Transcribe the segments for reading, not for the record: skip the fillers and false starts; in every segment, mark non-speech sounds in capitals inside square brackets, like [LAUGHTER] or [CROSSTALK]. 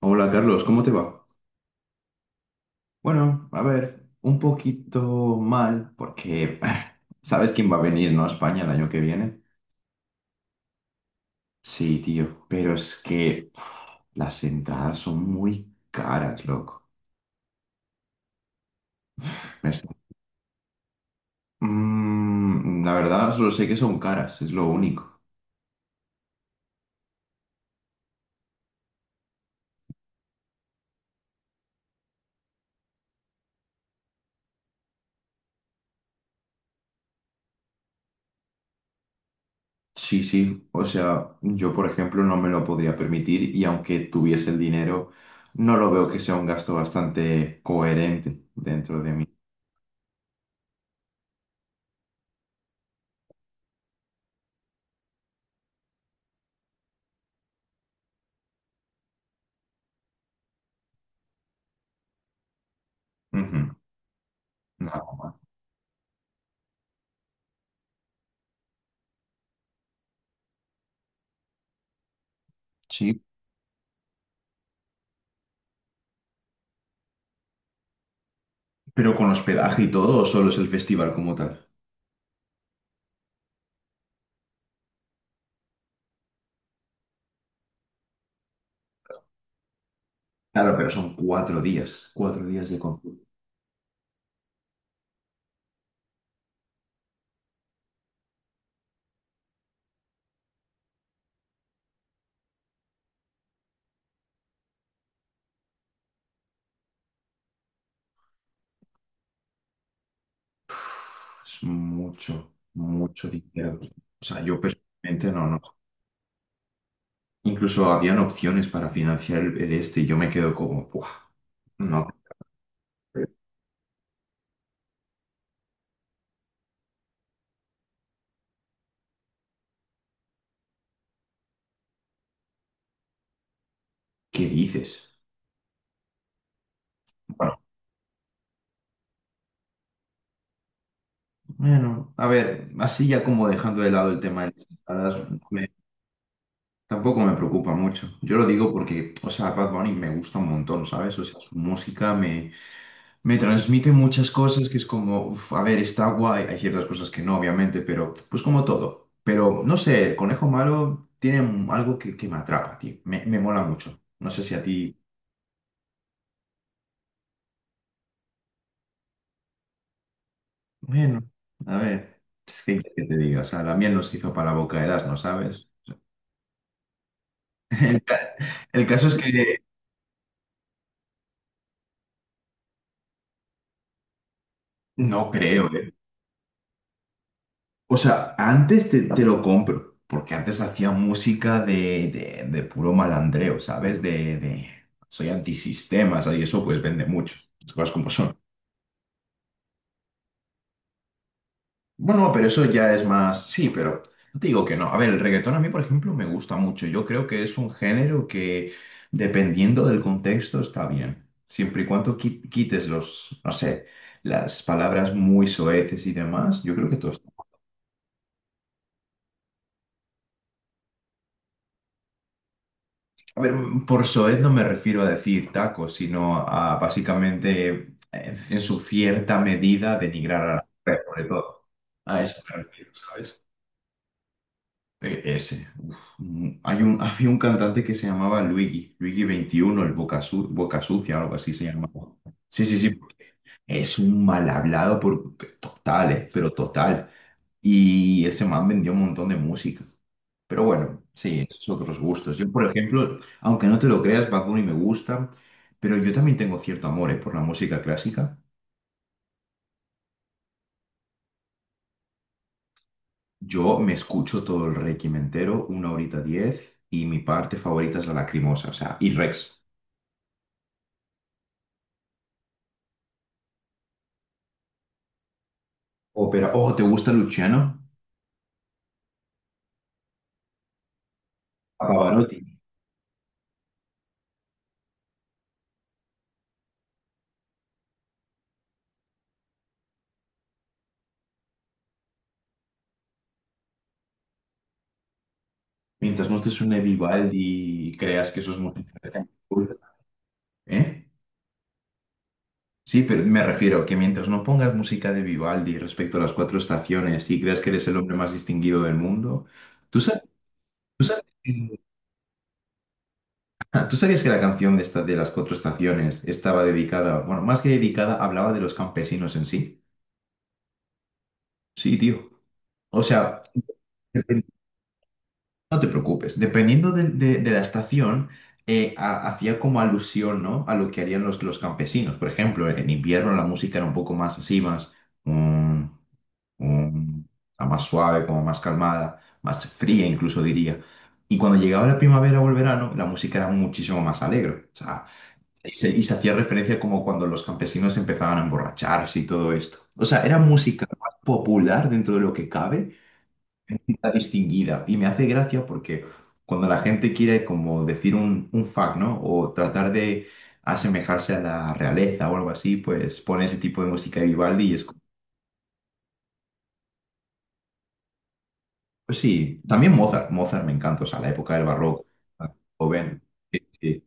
Hola, Carlos, ¿cómo te va? Bueno, a ver, un poquito mal porque [LAUGHS] ¿sabes quién va a venir, no, a España el año que viene? Sí, tío, pero es que [SIGHS] las entradas son muy caras, loco. Me está- la verdad, solo sé que son caras, es lo único. Sí, sí, o sea, yo, por ejemplo, no me lo podría permitir, y aunque tuviese el dinero, no lo veo que sea un gasto bastante coherente dentro de mí. Ujú, nada más. Sí. Pero con hospedaje y todo, ¿o solo es el festival como tal? Claro, pero son 4 días. 4 días de concierto. Es mucho, mucho dinero. O sea, yo personalmente no, no. Incluso habían opciones para financiar el este, y yo me quedo como, ¡buah! No, ¿qué dices? Bueno, bueno, a ver, así ya como dejando de lado el tema de las entradas, me- tampoco me preocupa mucho. Yo lo digo porque, o sea, Bad Bunny me gusta un montón, ¿sabes? O sea, su música me transmite muchas cosas que es como, uf, a ver, está guay. Hay ciertas cosas que no, obviamente, pero pues como todo. Pero no sé, el conejo malo tiene algo que me atrapa, tío. Me mola mucho. No sé si a ti. Bueno, a ver, es que, ¿qué te digo? O sea, la miel nos hizo para la boca de, ¿no sabes? [LAUGHS] El, ca- el caso es que no creo, ¿eh? O sea, antes te lo compro, porque antes hacía música de puro malandreo, ¿sabes? De soy antisistema, ¿sabes? Y eso pues vende mucho, las cosas como son. Bueno, pero eso ya es más, sí, pero no te digo que no. A ver, el reggaetón a mí, por ejemplo, me gusta mucho. Yo creo que es un género que, dependiendo del contexto, está bien. Siempre y cuando quites los, no sé, las palabras muy soeces y demás, yo creo que todo. A ver, por soez no me refiero a decir tacos, sino a, básicamente, en su cierta medida, denigrar a la mujer, sobre todo. A eso me refiero, ¿sabes? Ese, uf. Había un cantante que se llamaba Luigi 21, el Boca, Boca Sucia, algo así se llamaba. Sí, sí, sí. Es un mal hablado por total, pero total. Y ese man vendió un montón de música. Pero bueno, sí, esos otros gustos. Yo, por ejemplo, aunque no te lo creas, Bad Bunny me gusta, pero yo también tengo cierto amor, por la música clásica. Yo me escucho todo el Requiem entero, una horita 10, y mi parte favorita es la Lacrimosa, o sea, y Rex. Ópera. Oh, ¿te gusta Luciano? A Pavarotti. Mientras no te suene Vivaldi y creas que eso es música. ¿Eh? Sí, pero me refiero que mientras no pongas música de Vivaldi respecto a las cuatro estaciones y creas que eres el hombre más distinguido del mundo, ¿tú sabes, tú sa- [LAUGHS] ¿Tú sabías que la canción de, esta, de las cuatro estaciones estaba dedicada, bueno, más que dedicada, hablaba de los campesinos en sí? Sí, tío. O sea, depen- no te preocupes, dependiendo de la estación, hacía como alusión, ¿no? A lo que harían los campesinos. Por ejemplo, en invierno la música era un poco más así, más... mm, mm, a más suave, como más calmada, más fría incluso diría. Y cuando llegaba la primavera o el verano, la música era muchísimo más alegre. O sea, y se hacía referencia como cuando los campesinos empezaban a emborracharse y todo esto. O sea, era música más popular dentro de lo que cabe, la distinguida. Y me hace gracia porque cuando la gente quiere como decir un fact, ¿no? O tratar de asemejarse a la realeza o algo así, pues pone ese tipo de música de Vivaldi y es como. Pues sí, también Mozart, Mozart me encanta, o sea, la época del barroco, ah, joven, sí, sí,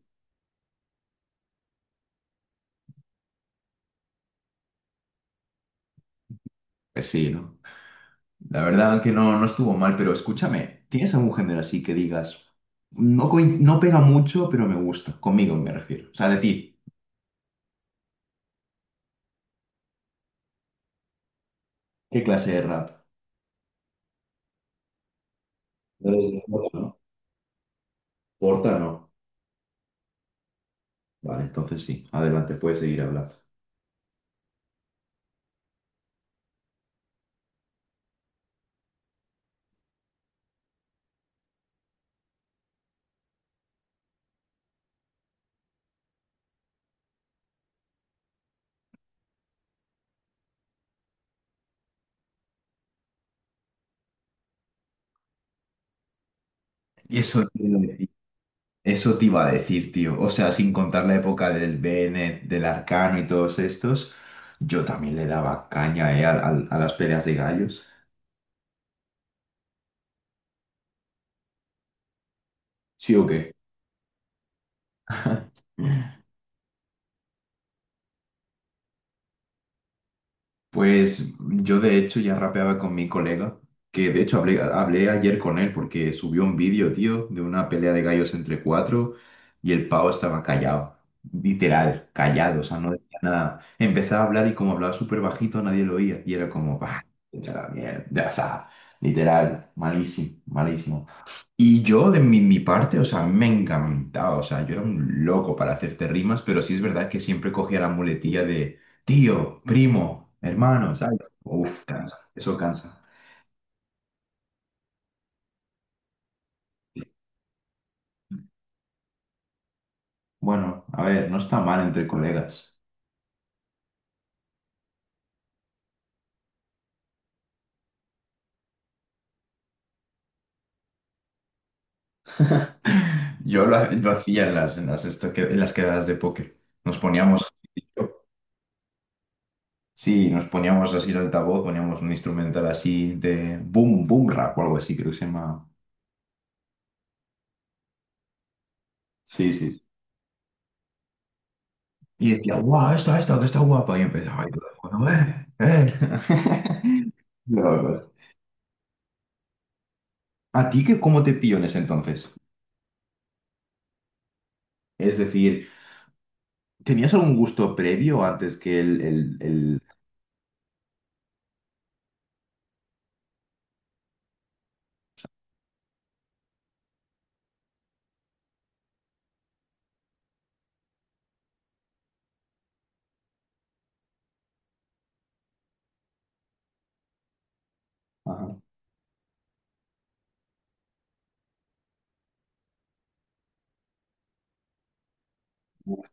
pues sí, ¿no? La verdad que no, no estuvo mal, pero escúchame, ¿tienes algún género así que digas, no, no pega mucho, pero me gusta, conmigo me refiero, o sea, de ti? ¿Qué clase de rap? No eres de Porta, ¿no? Porta no. Vale, entonces sí, adelante, puedes seguir hablando. Y eso. Eso te iba a decir, tío. O sea, sin contar la época del Bennett, del Arcano y todos estos, yo también le daba caña, a las peleas de gallos. ¿Sí o qué? [LAUGHS] Pues yo, de hecho, ya rapeaba con mi colega, que de hecho hablé ayer con él porque subió un vídeo, tío, de una pelea de gallos entre cuatro, y el pavo estaba callado, literal, callado, o sea, no decía nada. Empezaba a hablar y, como hablaba súper bajito, nadie lo oía y era como, bah, vete a la mierda, o sea, literal, malísimo, malísimo. Y yo, de mi parte, o sea, a mí me encantaba, o sea, yo era un loco para hacerte rimas, pero sí es verdad que siempre cogía la muletilla de tío, primo, hermano, ¿sabes? Uf, cansa, eso cansa. Bueno, a ver, no está mal entre colegas. [LAUGHS] Yo lo hacía en las quedadas de póker. Nos poníamos, sí, nos poníamos así el altavoz, poníamos un instrumental así de boom, boom rap o algo así, creo que se llama. Sí, sí, sí. Y decía, guau, esta, que está guapa. Y empezaba, ay todo, bueno. [LAUGHS] Locos. ¿A ti qué, cómo te pilló en ese entonces? Es decir, ¿tenías algún gusto previo antes que el- Ajá. Uf,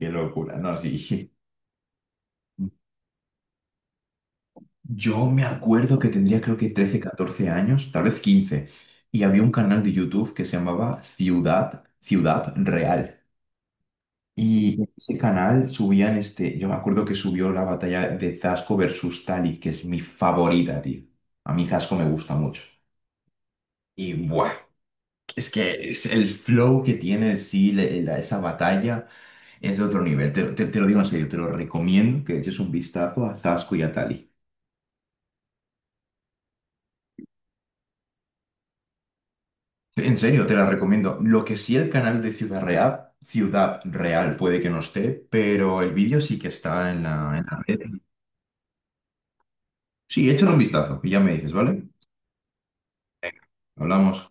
qué locura, no, sí. Yo me acuerdo que tendría, creo que, 13, 14 años, tal vez 15, y había un canal de YouTube que se llamaba Ciudad Real. Y en ese canal subían este, yo me acuerdo que subió la batalla de Zasco versus Tali, que es mi favorita, tío. A mí Zasco me gusta mucho. Y buah, es que es el flow que tiene, sí, esa batalla es de otro nivel. Te lo digo en serio, te lo recomiendo que le eches un vistazo a Zasco y a Tali. En serio, te la recomiendo. Lo que sí, el canal de Ciudad Real, Ciudad Real puede que no esté, pero el vídeo sí que está en la red. Sí, échale un vistazo y ya me dices, ¿vale? Venga, hablamos.